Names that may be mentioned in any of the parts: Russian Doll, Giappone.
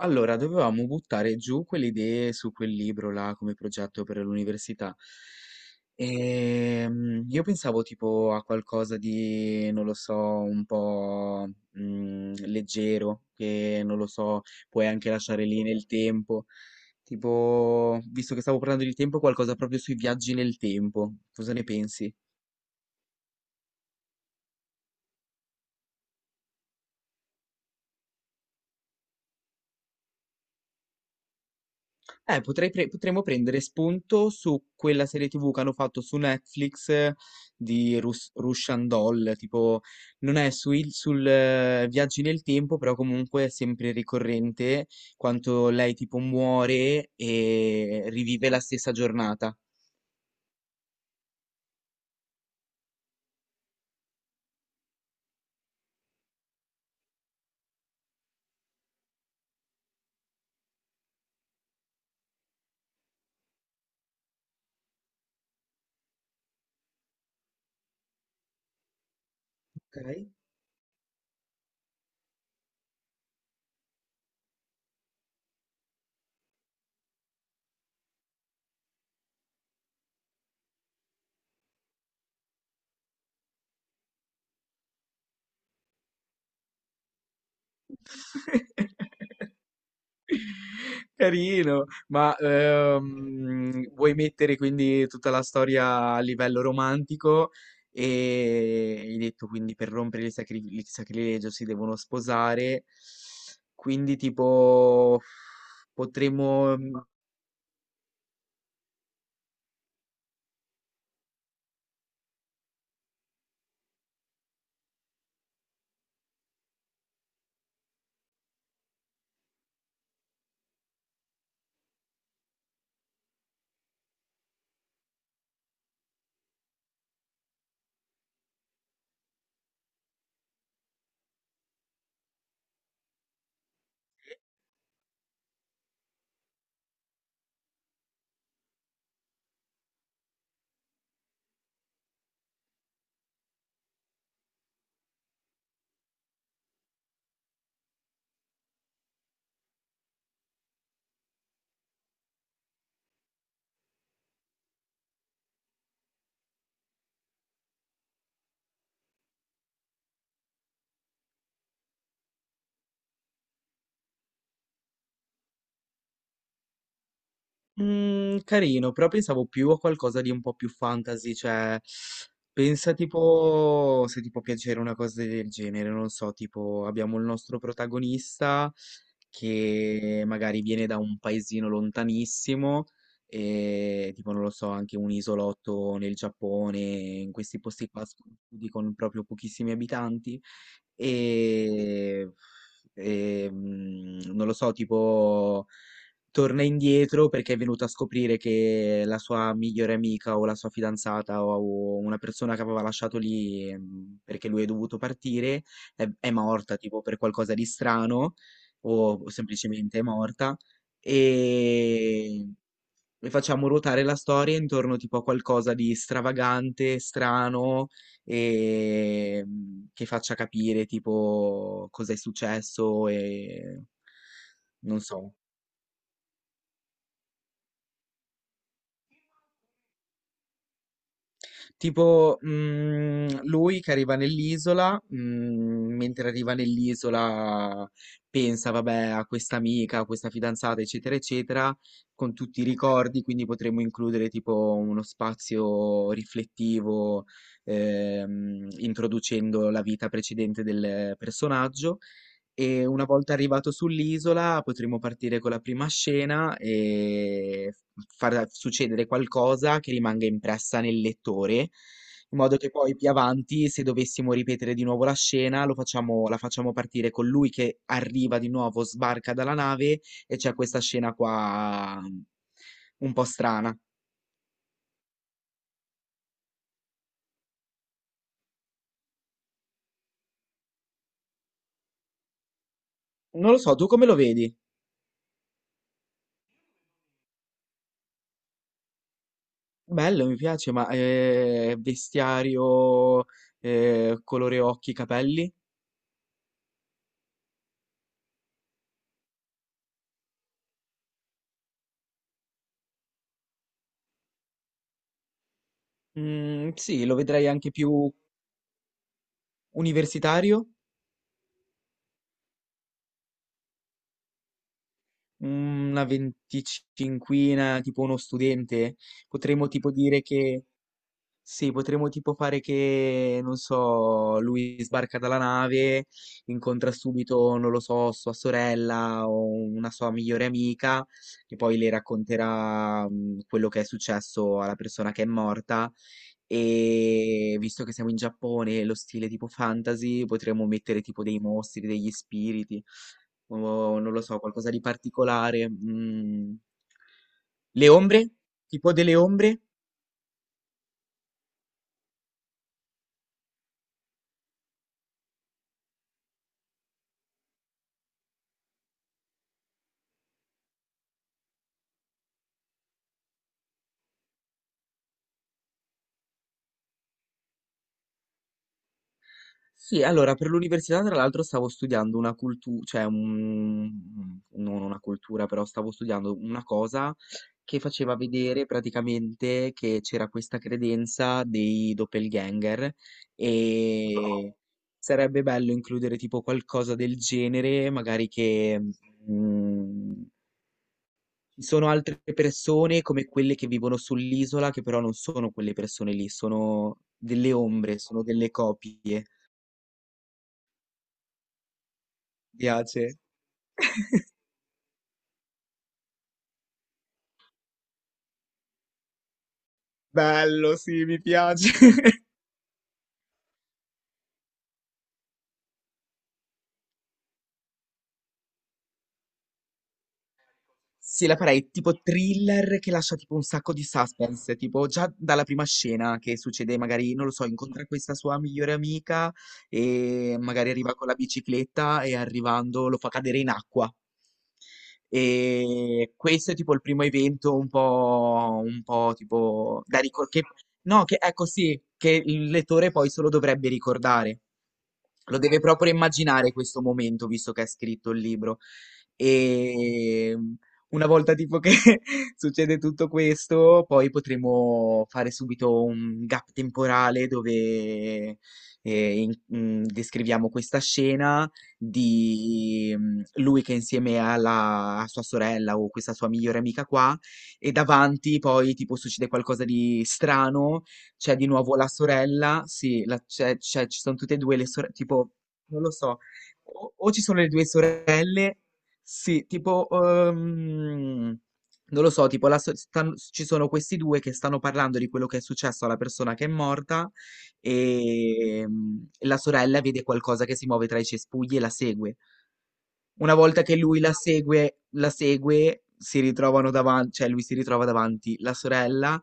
Allora, dovevamo buttare giù quelle idee su quel libro là come progetto per l'università. E io pensavo tipo a qualcosa di, non lo so, un po' leggero, che non lo so, puoi anche lasciare lì nel tempo. Tipo, visto che stavo parlando di tempo, qualcosa proprio sui viaggi nel tempo. Cosa ne pensi? Potremmo prendere spunto su quella serie TV che hanno fatto su Netflix, di Russian Doll, tipo non è sul viaggi nel tempo, però comunque è sempre ricorrente quanto lei tipo muore e rivive la stessa giornata. Ok. Carino, ma vuoi mettere quindi tutta la storia a livello romantico e hai detto quindi per rompere il, il sacrilegio si devono sposare, quindi tipo potremmo mm, Mhmm, carino, però pensavo più a qualcosa di un po' più fantasy, cioè pensa tipo se ti può piacere una cosa del genere, non so, tipo abbiamo il nostro protagonista che magari viene da un paesino lontanissimo e tipo non lo so, anche un isolotto nel Giappone, in questi posti qua sconosciuti con proprio pochissimi abitanti e, non lo so, tipo torna indietro perché è venuto a scoprire che la sua migliore amica o la sua fidanzata o una persona che aveva lasciato lì perché lui è dovuto partire è morta tipo per qualcosa di strano o semplicemente è morta e, e facciamo ruotare la storia intorno tipo a qualcosa di stravagante, strano e che faccia capire tipo cosa è successo e non so. Tipo, lui che arriva nell'isola, mentre arriva nell'isola pensa, vabbè, a questa amica, a questa fidanzata, eccetera, eccetera, con tutti i ricordi, quindi potremmo includere tipo uno spazio riflettivo, introducendo la vita precedente del personaggio. E una volta arrivato sull'isola potremo partire con la prima scena e far succedere qualcosa che rimanga impressa nel lettore, in modo che poi più avanti, se dovessimo ripetere di nuovo la scena, la facciamo partire con lui che arriva di nuovo, sbarca dalla nave e c'è questa scena qua un po' strana. Non lo so, tu come lo vedi? Bello, mi piace, ma vestiario, colore occhi, capelli? Mm, sì, lo vedrei anche più universitario, una venticinquina, tipo uno studente. Potremmo tipo dire che sì, potremmo tipo fare che, non so, lui sbarca dalla nave, incontra subito, non lo so, sua sorella o una sua migliore amica e poi le racconterà quello che è successo alla persona che è morta e visto che siamo in Giappone, lo stile tipo fantasy, potremmo mettere tipo dei mostri, degli spiriti o non lo so, qualcosa di particolare. Mm. Le ombre? Tipo delle ombre? Sì, allora per l'università tra l'altro stavo studiando una cultura, cioè non una cultura, però stavo studiando una cosa che faceva vedere praticamente che c'era questa credenza dei doppelganger e sarebbe bello includere tipo qualcosa del genere, magari che mm, ci sono altre persone come quelle che vivono sull'isola, che però non sono quelle persone lì, sono delle ombre, sono delle copie. Piace. Bello, sì, mi piace. Sì, la farei tipo thriller che lascia tipo un sacco di suspense, tipo già dalla prima scena che succede, magari, non lo so, incontra questa sua migliore amica e magari arriva con la bicicletta e arrivando lo fa cadere in acqua. E questo è tipo il primo evento un po' tipo da ricordare. No, che ecco sì, che il lettore poi solo dovrebbe ricordare. Lo deve proprio immaginare questo momento, visto che ha scritto il libro. E una volta tipo che succede tutto questo, poi potremo fare subito un gap temporale dove descriviamo questa scena di lui che è insieme alla a sua sorella o questa sua migliore amica qua e davanti poi tipo succede qualcosa di strano. C'è di nuovo la sorella, sì, ci sono tutte e due le sorelle, tipo, non lo so, o ci sono le due sorelle, sì, tipo, non lo so, tipo, ci sono questi due che stanno parlando di quello che è successo alla persona che è morta. La sorella vede qualcosa che si muove tra i cespugli e la segue. Una volta che lui la segue, si ritrovano davanti, cioè lui si ritrova davanti la sorella,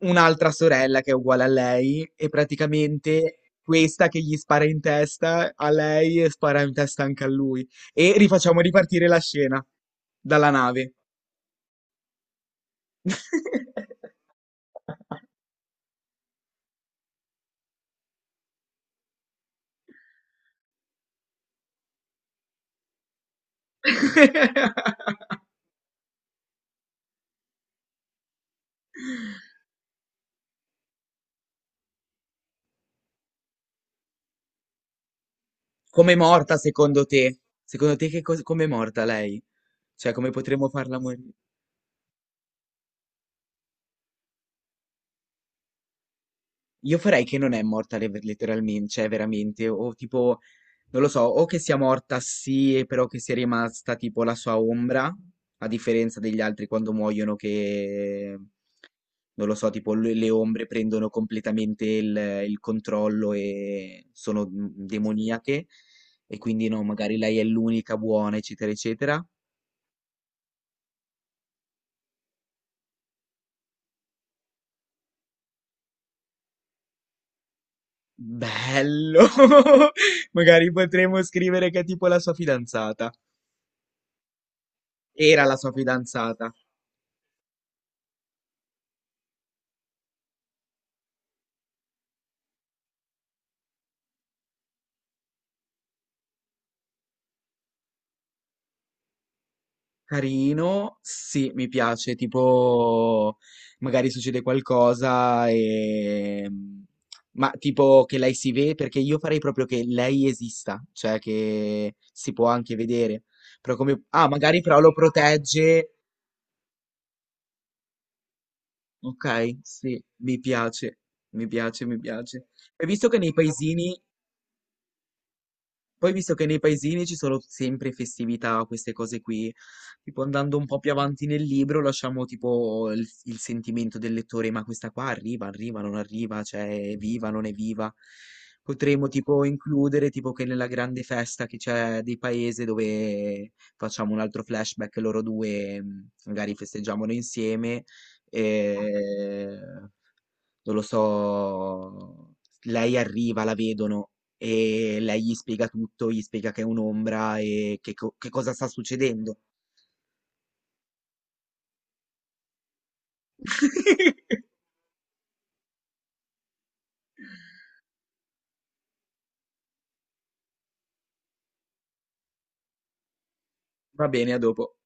un'altra sorella che è uguale a lei e praticamente questa che gli spara in testa a lei e spara in testa anche a lui. E rifacciamo ripartire la scena dalla nave. Com'è morta secondo te? Secondo te che cosa, com'è morta lei? Cioè, come potremmo farla morire? Io farei che non è morta letteralmente, cioè veramente, o tipo, non lo so, o che sia morta sì, e però che sia rimasta tipo la sua ombra, a differenza degli altri quando muoiono che, non lo so, tipo le ombre prendono completamente il controllo e sono demoniache, e quindi no, magari lei è l'unica buona, eccetera, eccetera. Bello! Magari potremmo scrivere che è tipo la sua fidanzata. Era la sua fidanzata. Carino, sì, mi piace. Tipo, magari succede qualcosa e... Ma tipo che lei si vede, perché io farei proprio che lei esista, cioè che si può anche vedere. Però come... Ah, magari però lo protegge. Ok, sì, mi piace, mi piace, mi piace. Hai visto che nei paesini... Poi visto che nei paesini ci sono sempre festività, queste cose qui, tipo andando un po' più avanti nel libro, lasciamo tipo il sentimento del lettore, ma questa qua arriva, arriva, non arriva, cioè è viva, non è viva. Potremmo tipo includere tipo che nella grande festa che c'è di paese dove facciamo un altro flashback, loro due magari festeggiamolo insieme. E non lo so, lei arriva, la vedono e lei gli spiega tutto, gli spiega che è un'ombra e che, che cosa sta succedendo. Va bene, a dopo.